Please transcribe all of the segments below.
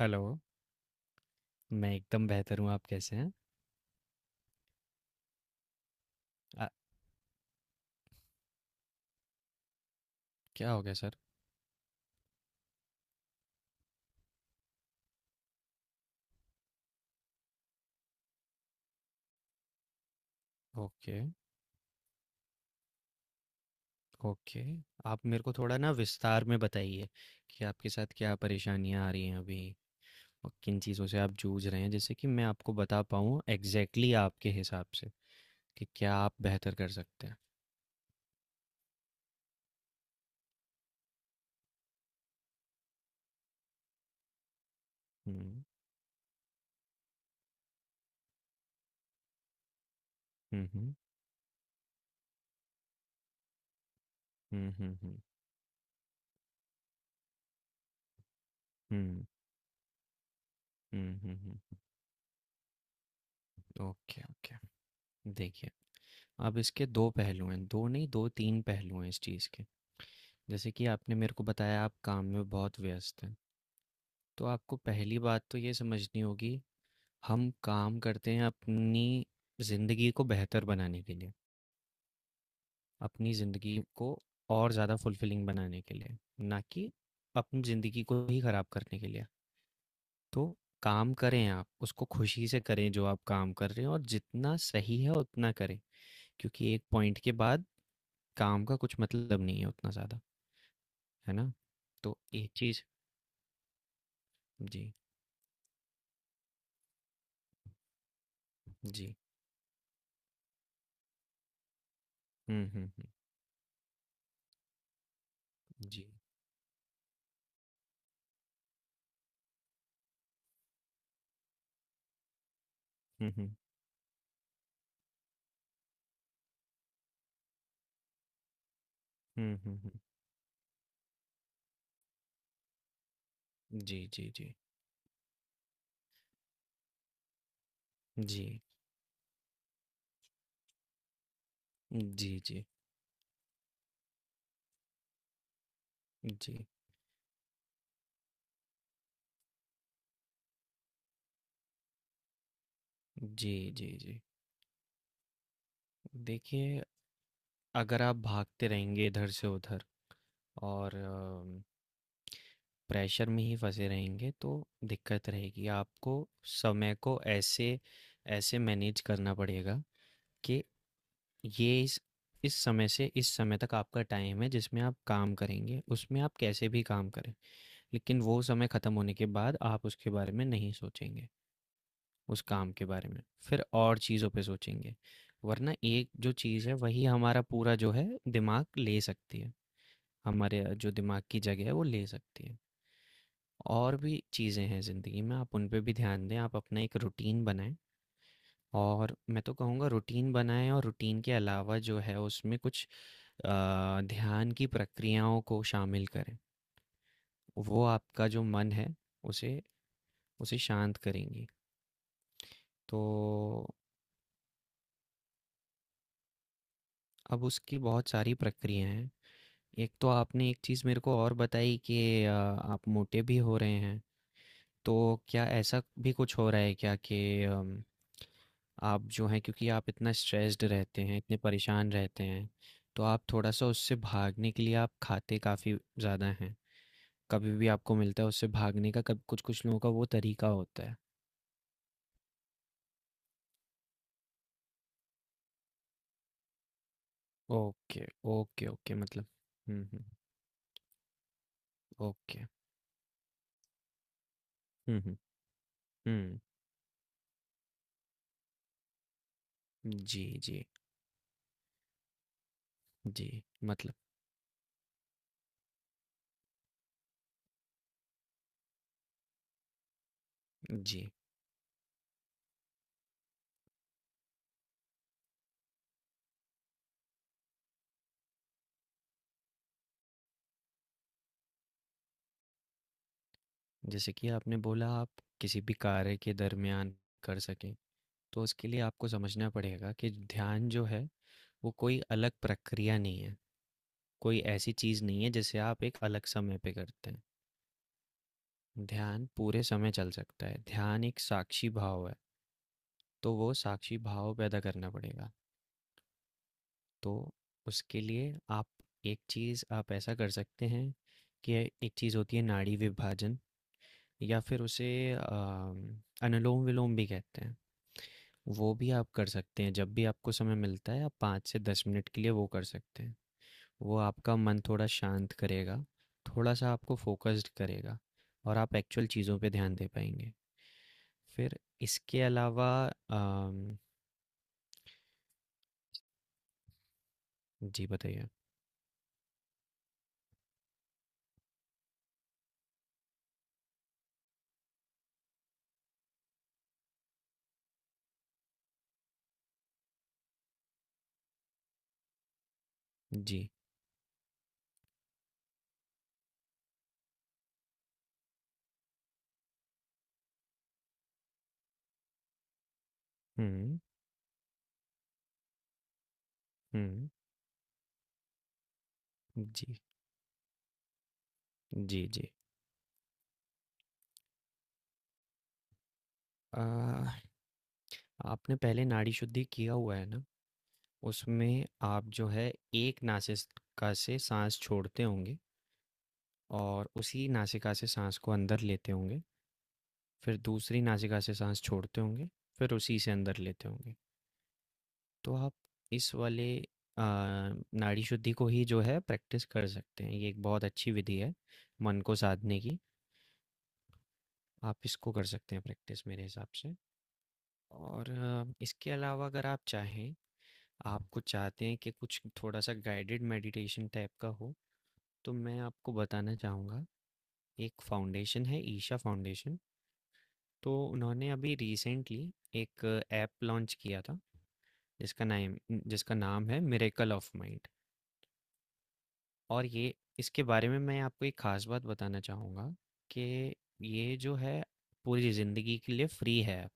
Hello, मैं एकदम बेहतर हूँ, आप कैसे हैं? अ, क्या हो गया सर? Okay, okay. आप मेरे को थोड़ा ना विस्तार में बताइए कि आपके साथ क्या परेशानियाँ आ रही हैं अभी और किन चीज़ों से आप जूझ रहे हैं, जिससे कि मैं आपको बता पाऊँ एग्ज़ैक्टली आपके हिसाब से कि क्या आप बेहतर कर सकते हैं। हुँ, हुँ, हुँ। हुँ, हुँ, हुँ। हुँ, हुँ, हुँ, हुँ। Okay, okay. देखिए, अब इसके 2 पहलू हैं, 2 नहीं 2-3 पहलू हैं इस चीज़ के। जैसे कि आपने मेरे को बताया आप काम में बहुत व्यस्त हैं। तो आपको पहली बात तो ये समझनी होगी, हम काम करते हैं अपनी ज़िंदगी को बेहतर बनाने के लिए, अपनी ज़िंदगी को और ज़्यादा फुलफिलिंग बनाने के लिए, ना कि अपनी ज़िंदगी को ही ख़राब करने के लिए। तो काम करें आप, उसको खुशी से करें जो आप काम कर रहे हैं और जितना सही है उतना करें, क्योंकि एक पॉइंट के बाद काम का कुछ मतलब नहीं है उतना ज़्यादा, है ना? तो एक चीज़। जी, जी। हुँ, हुँ, हुँ। जी। हुँ, हुँ। हुँ, हुँ, हुँ। जी, जी, जी। जी, जी, जी, जी, जी, जी, जी। देखिए, अगर आप भागते रहेंगे इधर से उधर और प्रेशर में ही फँसे रहेंगे तो दिक्कत रहेगी। आपको समय को ऐसे ऐसे मैनेज करना पड़ेगा कि ये इस समय से इस समय तक आपका टाइम है जिसमें आप काम करेंगे, उसमें आप कैसे भी काम करें। लेकिन वो समय ख़त्म होने के बाद आप उसके बारे में नहीं सोचेंगे। उस काम के बारे में फिर और चीज़ों पे सोचेंगे। वरना एक जो चीज़ है वही हमारा पूरा जो है दिमाग ले सकती है, हमारे जो दिमाग की जगह है वो ले सकती है। और भी चीज़ें हैं ज़िंदगी में, आप उन पे भी ध्यान दें। आप अपना एक रूटीन बनाएं, और मैं तो कहूँगा रूटीन बनाएं और रूटीन के अलावा जो है उसमें कुछ अ, ध्यान की प्रक्रियाओं को शामिल करें। वो आपका जो मन है उसे उसे शांत करेंगी। तो अब उसकी बहुत सारी प्रक्रियाएं हैं। एक तो आपने एक चीज़ मेरे को और बताई कि आप मोटे भी हो रहे हैं। तो क्या ऐसा भी कुछ हो रहा है क्या कि आप जो हैं, क्योंकि आप इतना स्ट्रेस्ड रहते हैं, इतने परेशान रहते हैं तो आप थोड़ा सा उससे भागने के लिए आप खाते काफ़ी ज़्यादा हैं? कभी भी आपको मिलता है उससे भागने का, कभी कुछ कुछ लोगों का वो तरीका होता है। Okay okay okay. मतलब, हम्म। ओके। हम्म हम्म हम्म। जी जी जी। मतलब। जी। जैसे कि आपने बोला आप किसी भी कार्य के दरमियान कर सकें, तो उसके लिए आपको समझना पड़ेगा कि ध्यान जो है वो कोई अलग प्रक्रिया नहीं है। कोई ऐसी चीज़ नहीं है जिसे आप एक अलग समय पे करते हैं। ध्यान पूरे समय चल सकता है, ध्यान एक साक्षी भाव है। तो वो साक्षी भाव पैदा करना पड़ेगा। तो उसके लिए आप, एक चीज़ आप ऐसा कर सकते हैं कि एक चीज़ होती है नाड़ी विभाजन, या फिर उसे अनुलोम विलोम भी कहते हैं। वो भी आप कर सकते हैं। जब भी आपको समय मिलता है आप पाँच से दस मिनट के लिए वो कर सकते हैं। वो आपका मन थोड़ा शांत करेगा, थोड़ा सा आपको फोकस्ड करेगा और आप एक्चुअल चीज़ों पे ध्यान दे पाएंगे। फिर इसके अलावा अम, जी बताइए। जी। हम्म हम्म। जी जी जी। आ, आपने पहले नाड़ी शुद्धि किया हुआ है ना। उसमें आप जो है एक नासिका से सांस छोड़ते होंगे, और उसी नासिका से सांस को अंदर लेते होंगे, फिर दूसरी नासिका से सांस छोड़ते होंगे, फिर उसी से अंदर लेते होंगे। तो आप इस वाले नाड़ी शुद्धि को ही जो है प्रैक्टिस कर सकते हैं। ये एक बहुत अच्छी विधि है मन को साधने की। आप इसको कर सकते हैं प्रैक्टिस, मेरे हिसाब से। और इसके अलावा अगर आप चाहें, आपको चाहते हैं कि कुछ थोड़ा सा गाइडेड मेडिटेशन टाइप का हो, तो मैं आपको बताना चाहूँगा, एक फाउंडेशन है ईशा फाउंडेशन। तो उन्होंने अभी रिसेंटली एक ऐप लॉन्च किया था, जिसका नाम जिसका नाम है मिरेकल ऑफ माइंड। और ये, इसके बारे में मैं आपको एक ख़ास बात बताना चाहूँगा कि ये जो है, पूरी ज़िंदगी के लिए फ्री है,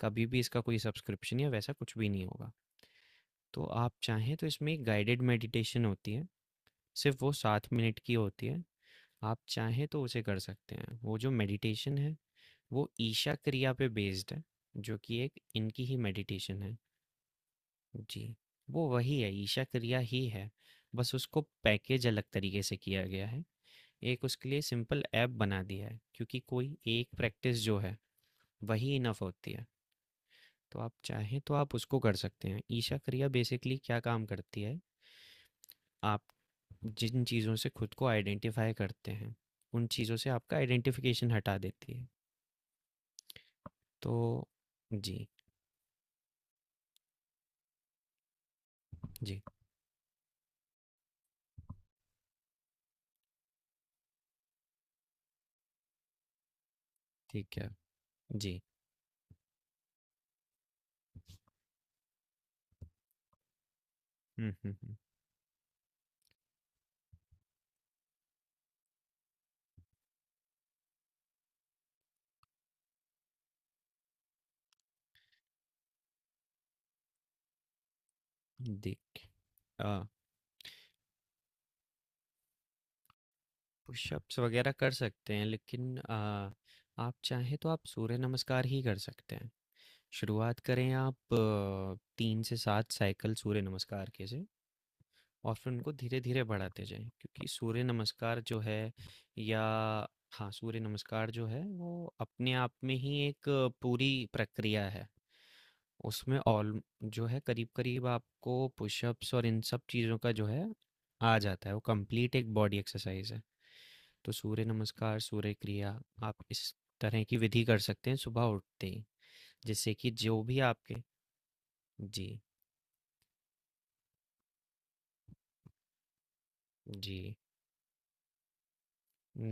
कभी भी इसका कोई सब्सक्रिप्शन या वैसा कुछ भी नहीं होगा। तो आप चाहें तो इसमें एक गाइडेड मेडिटेशन होती है, सिर्फ़ वो 7 मिनट की होती है, आप चाहें तो उसे कर सकते हैं। वो जो मेडिटेशन है, वो ईशा क्रिया पे बेस्ड है, जो कि एक इनकी ही मेडिटेशन है। जी। वो वही है, ईशा क्रिया ही है। बस उसको पैकेज अलग तरीके से किया गया है, एक उसके लिए सिंपल ऐप बना दिया है, क्योंकि कोई एक प्रैक्टिस जो है वही इनफ होती है। तो आप चाहें तो आप उसको कर सकते हैं। ईशा क्रिया बेसिकली क्या काम करती है? आप जिन चीज़ों से खुद को आइडेंटिफाई करते हैं उन चीज़ों से आपका आइडेंटिफिकेशन हटा देती है। तो जी जी। ठीक है। जी। हुँ, हुँ, हुँ। देखिए, अ, पुशअप्स वगैरह कर सकते हैं, लेकिन आप चाहें तो आप सूर्य नमस्कार ही कर सकते हैं। शुरुआत करें आप 3 से 7 साइकिल सूर्य नमस्कार के से, और फिर उनको धीरे-धीरे बढ़ाते जाएँ, क्योंकि सूर्य नमस्कार जो है, या हाँ, सूर्य नमस्कार जो है वो अपने आप में ही एक पूरी प्रक्रिया है। उसमें ऑल जो है करीब-करीब आपको पुशअप्स और इन सब चीज़ों का जो है, आ जाता है, वो कंप्लीट एक बॉडी एक्सरसाइज़ है। तो सूर्य नमस्कार, सूर्य क्रिया, आप इस तरह की विधि कर सकते हैं सुबह उठते ही, जिससे कि जो भी आपके। जी, जी।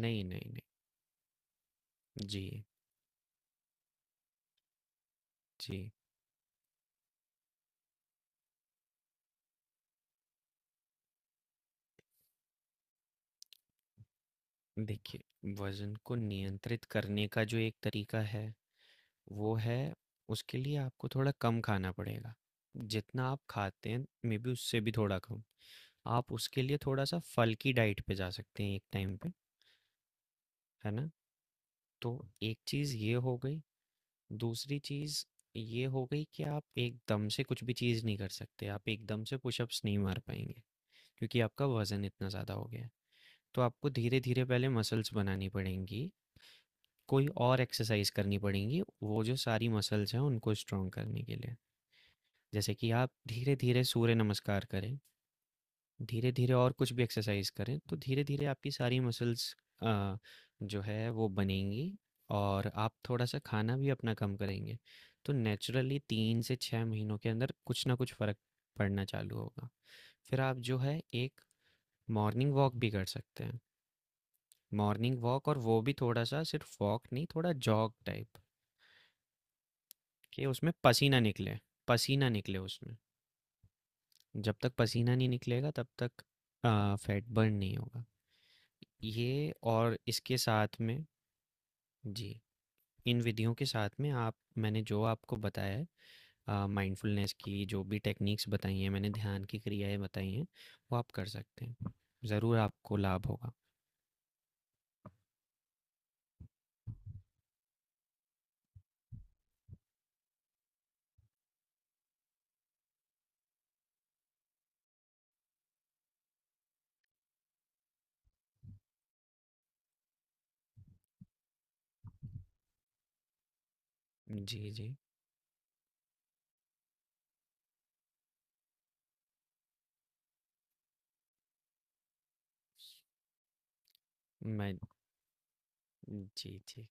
नहीं, नहीं, नहीं। जी, जी। देखिए, वज़न को नियंत्रित करने का जो एक तरीका है वो है, उसके लिए आपको थोड़ा कम खाना पड़ेगा, जितना आप खाते हैं मे बी उससे भी थोड़ा कम। आप उसके लिए थोड़ा सा फल की डाइट पे जा सकते हैं एक टाइम पे, है ना? तो एक चीज़ ये हो गई। दूसरी चीज़ ये हो गई कि आप एकदम से कुछ भी चीज़ नहीं कर सकते, आप एकदम से पुशअप्स नहीं मार पाएंगे, क्योंकि आपका वज़न इतना ज़्यादा हो गया है। तो आपको धीरे धीरे पहले मसल्स बनानी पड़ेंगी, कोई और एक्सरसाइज करनी पड़ेंगी वो जो सारी मसल्स हैं उनको स्ट्रॉन्ग करने के लिए। जैसे कि आप धीरे-धीरे सूर्य नमस्कार करें, धीरे-धीरे और कुछ भी एक्सरसाइज़ करें, तो धीरे-धीरे आपकी सारी मसल्स अ, जो है वो बनेंगी, और आप थोड़ा-सा खाना भी अपना कम करेंगे। तो नेचुरली 3 से 6 महीनों के अंदर कुछ ना कुछ फ़र्क पड़ना चालू होगा। फिर आप जो है एक मॉर्निंग वॉक भी कर सकते हैं। मॉर्निंग वॉक, और वो भी थोड़ा-सा सिर्फ वॉक नहीं, थोड़ा जॉग टाइप, कि उसमें पसीना निकले उसमें। जब तक पसीना नहीं निकलेगा तब तक फैट बर्न नहीं होगा। ये और इसके साथ में जी, इन विधियों के साथ में आप, मैंने जो आपको बताया है, माइंडफुलनेस की जो भी टेक्निक्स बताई हैं मैंने, ध्यान की क्रियाएं बताई हैं, वो आप कर सकते हैं, ज़रूर आपको लाभ होगा। जी जी। मैं, जी जी,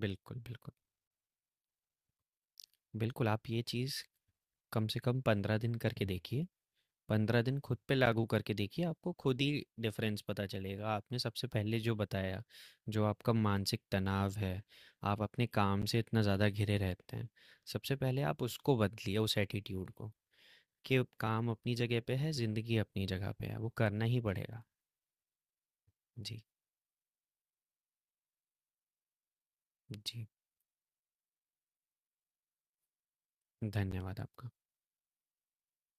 बिल्कुल बिल्कुल। बिल्कुल आप ये चीज़ कम से कम 15 दिन करके देखिए, 15 दिन खुद पे लागू करके देखिए, आपको खुद ही डिफरेंस पता चलेगा। आपने सबसे पहले जो बताया, जो आपका मानसिक तनाव है, आप अपने काम से इतना ज़्यादा घिरे रहते हैं, सबसे पहले आप उसको बदलिए, उस एटीट्यूड को, कि काम अपनी जगह पे है, ज़िंदगी अपनी जगह पे है, वो करना ही पड़ेगा। जी जी। धन्यवाद आपका।